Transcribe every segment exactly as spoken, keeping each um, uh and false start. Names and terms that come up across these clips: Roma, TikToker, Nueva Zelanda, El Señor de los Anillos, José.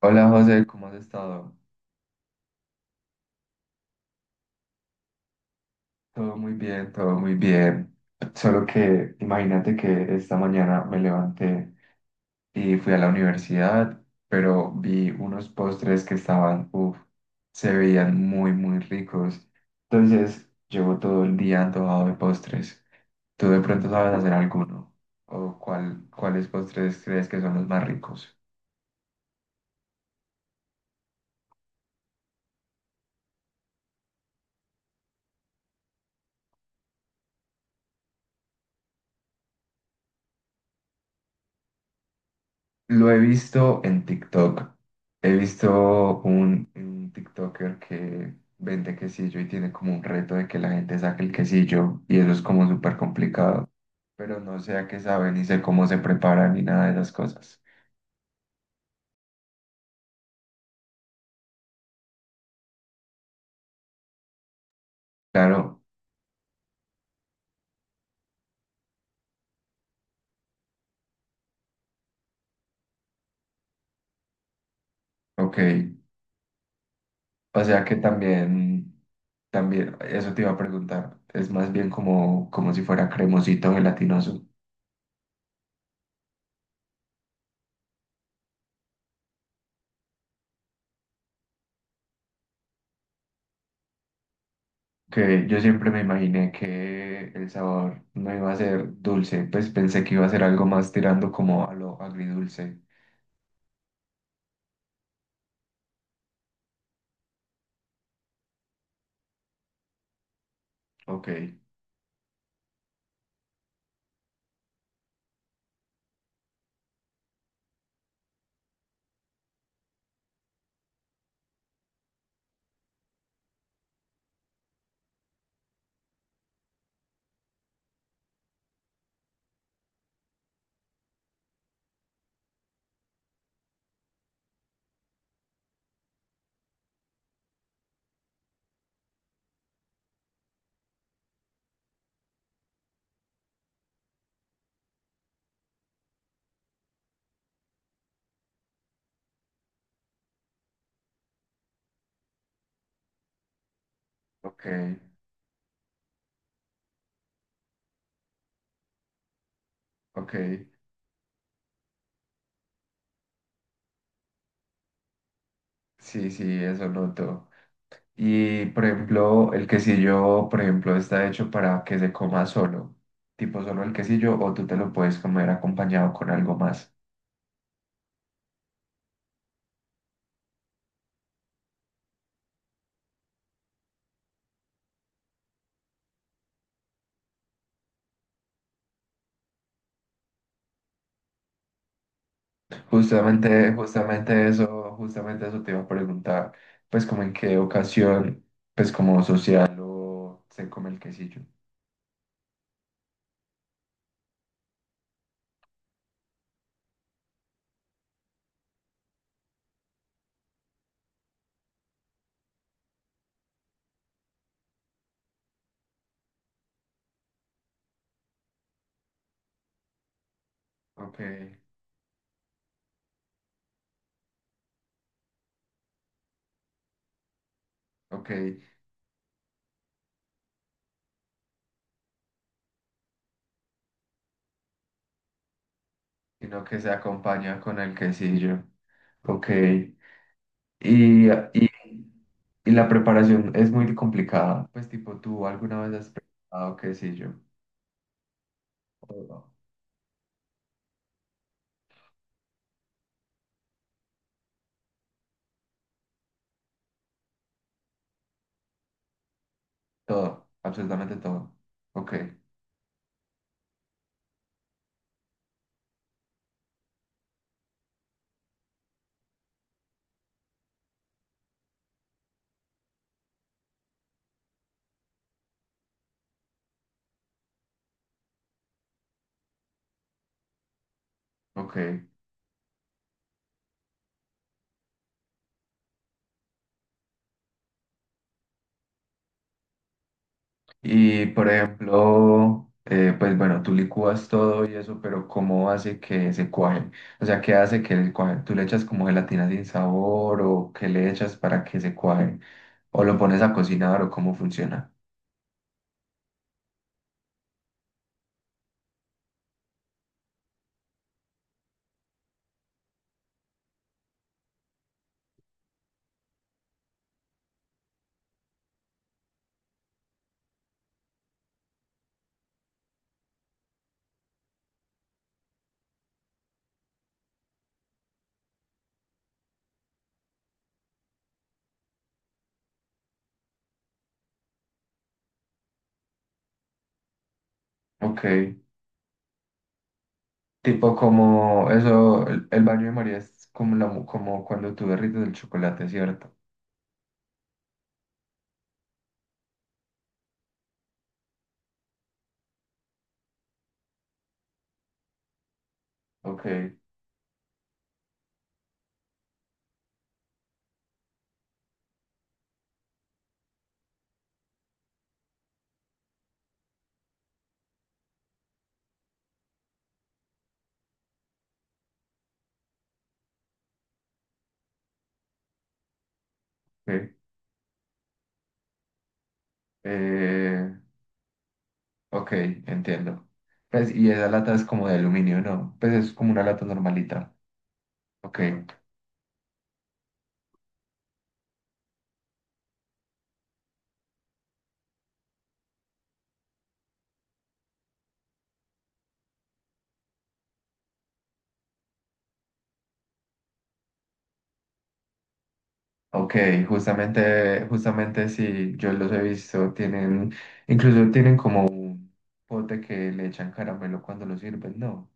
Hola José, ¿cómo has estado? Todo muy bien, todo muy bien. Solo que imagínate que esta mañana me levanté y fui a la universidad, pero vi unos postres que estaban, uff, se veían muy, muy ricos. Entonces, llevo todo el día antojado de postres. ¿Tú de pronto sabes hacer alguno? ¿O cuál, cuáles postres crees que son los más ricos? Lo he visto en TikTok. He visto un, un TikToker que vende quesillo y tiene como un reto de que la gente saque el quesillo y eso es como súper complicado. Pero no sé a qué sabe ni sé cómo se prepara ni nada de esas cosas. Claro, ok. O sea que también, también, eso te iba a preguntar. Es más bien como, como si fuera cremosito gelatinoso. Que yo siempre me imaginé que el sabor no iba a ser dulce, pues pensé que iba a ser algo más tirando como a lo agridulce. Ok, ok, ok. Sí, sí, eso noto. Y por ejemplo, el quesillo, por ejemplo, está hecho para que se coma solo, tipo solo el quesillo, o tú te lo puedes comer acompañado con algo más. Justamente, justamente eso, justamente eso te iba a preguntar, pues como en qué ocasión, pues como social o se come el quesillo. Ok, ok, sino que se acompaña con el quesillo. Ok, y, y, y la preparación es muy complicada, pues tipo tú alguna vez has preparado quesillo. Todo. Todo, absolutamente todo. Ok, ok. Y por ejemplo, eh, pues bueno, tú licúas todo y eso, pero ¿cómo hace que se cuaje? O sea, ¿qué hace que el cuaje? ¿Tú le echas como gelatina sin sabor o qué le echas para que se cuaje? ¿O lo pones a cocinar o cómo funciona? Ok, tipo como eso, el, el baño de María es como, la, mu- como cuando tú derrites el chocolate, ¿cierto? Ok, ok, eh, ok, entiendo. Pues, y esa lata es como de aluminio, ¿no? Pues es como una lata normalita. Ok. Ok, justamente, justamente sí, yo los he visto, tienen, incluso tienen como un pote que le echan caramelo cuando lo sirven, ¿no?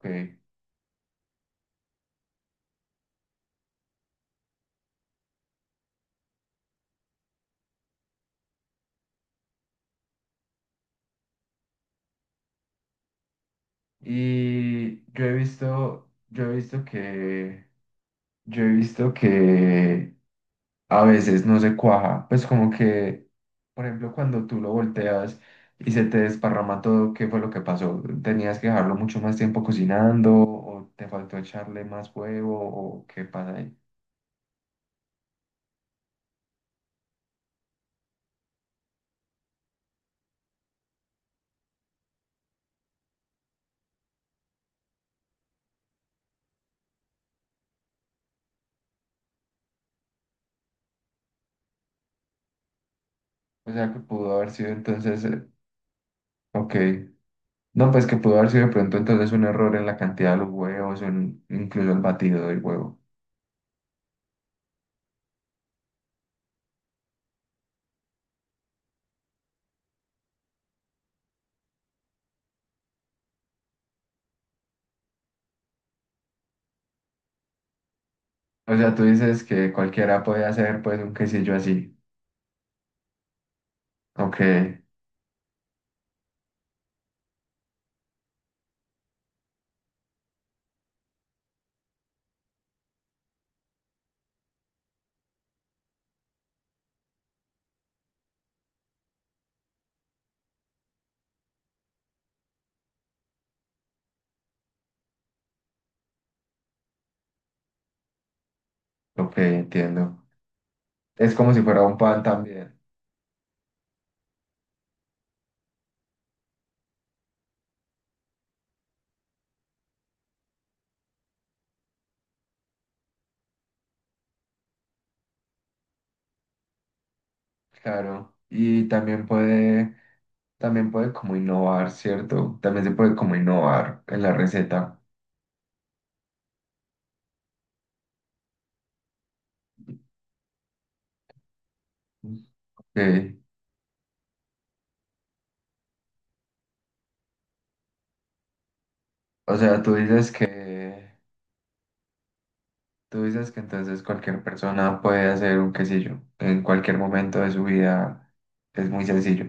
Ok. Y yo he visto, yo he visto que, yo he visto que a veces no se cuaja, pues como que, por ejemplo, cuando tú lo volteas y se te desparrama todo, ¿qué fue lo que pasó? ¿Tenías que dejarlo mucho más tiempo cocinando o te faltó echarle más huevo o qué pasa ahí? O sea que pudo haber sido entonces, eh, ok. No, pues que pudo haber sido de pronto entonces un error en la cantidad de los huevos, o en- incluso el batido del huevo. O sea, tú dices que cualquiera puede hacer pues un quesillo así. Ok, ok, entiendo. Es como si fuera un pan también, claro. Y también puede, también puede como innovar, ¿cierto? También se puede como innovar en la receta. Ok. O sea, tú dices que... Tú dices que entonces cualquier persona puede hacer un quesillo en cualquier momento de su vida. Es muy sencillo.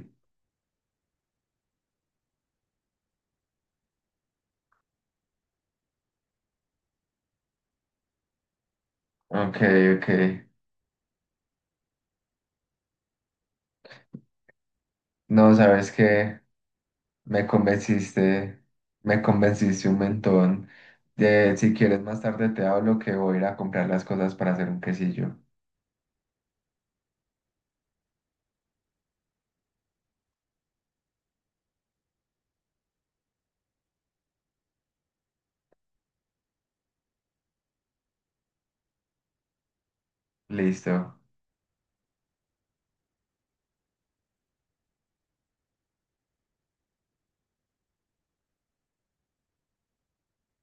Ok, ok. No, sabes que me convenciste, me convenciste un montón. De, si quieres más tarde te hablo que voy a ir a comprar las cosas para hacer un quesillo. Listo.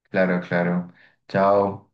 Claro, claro. Chao.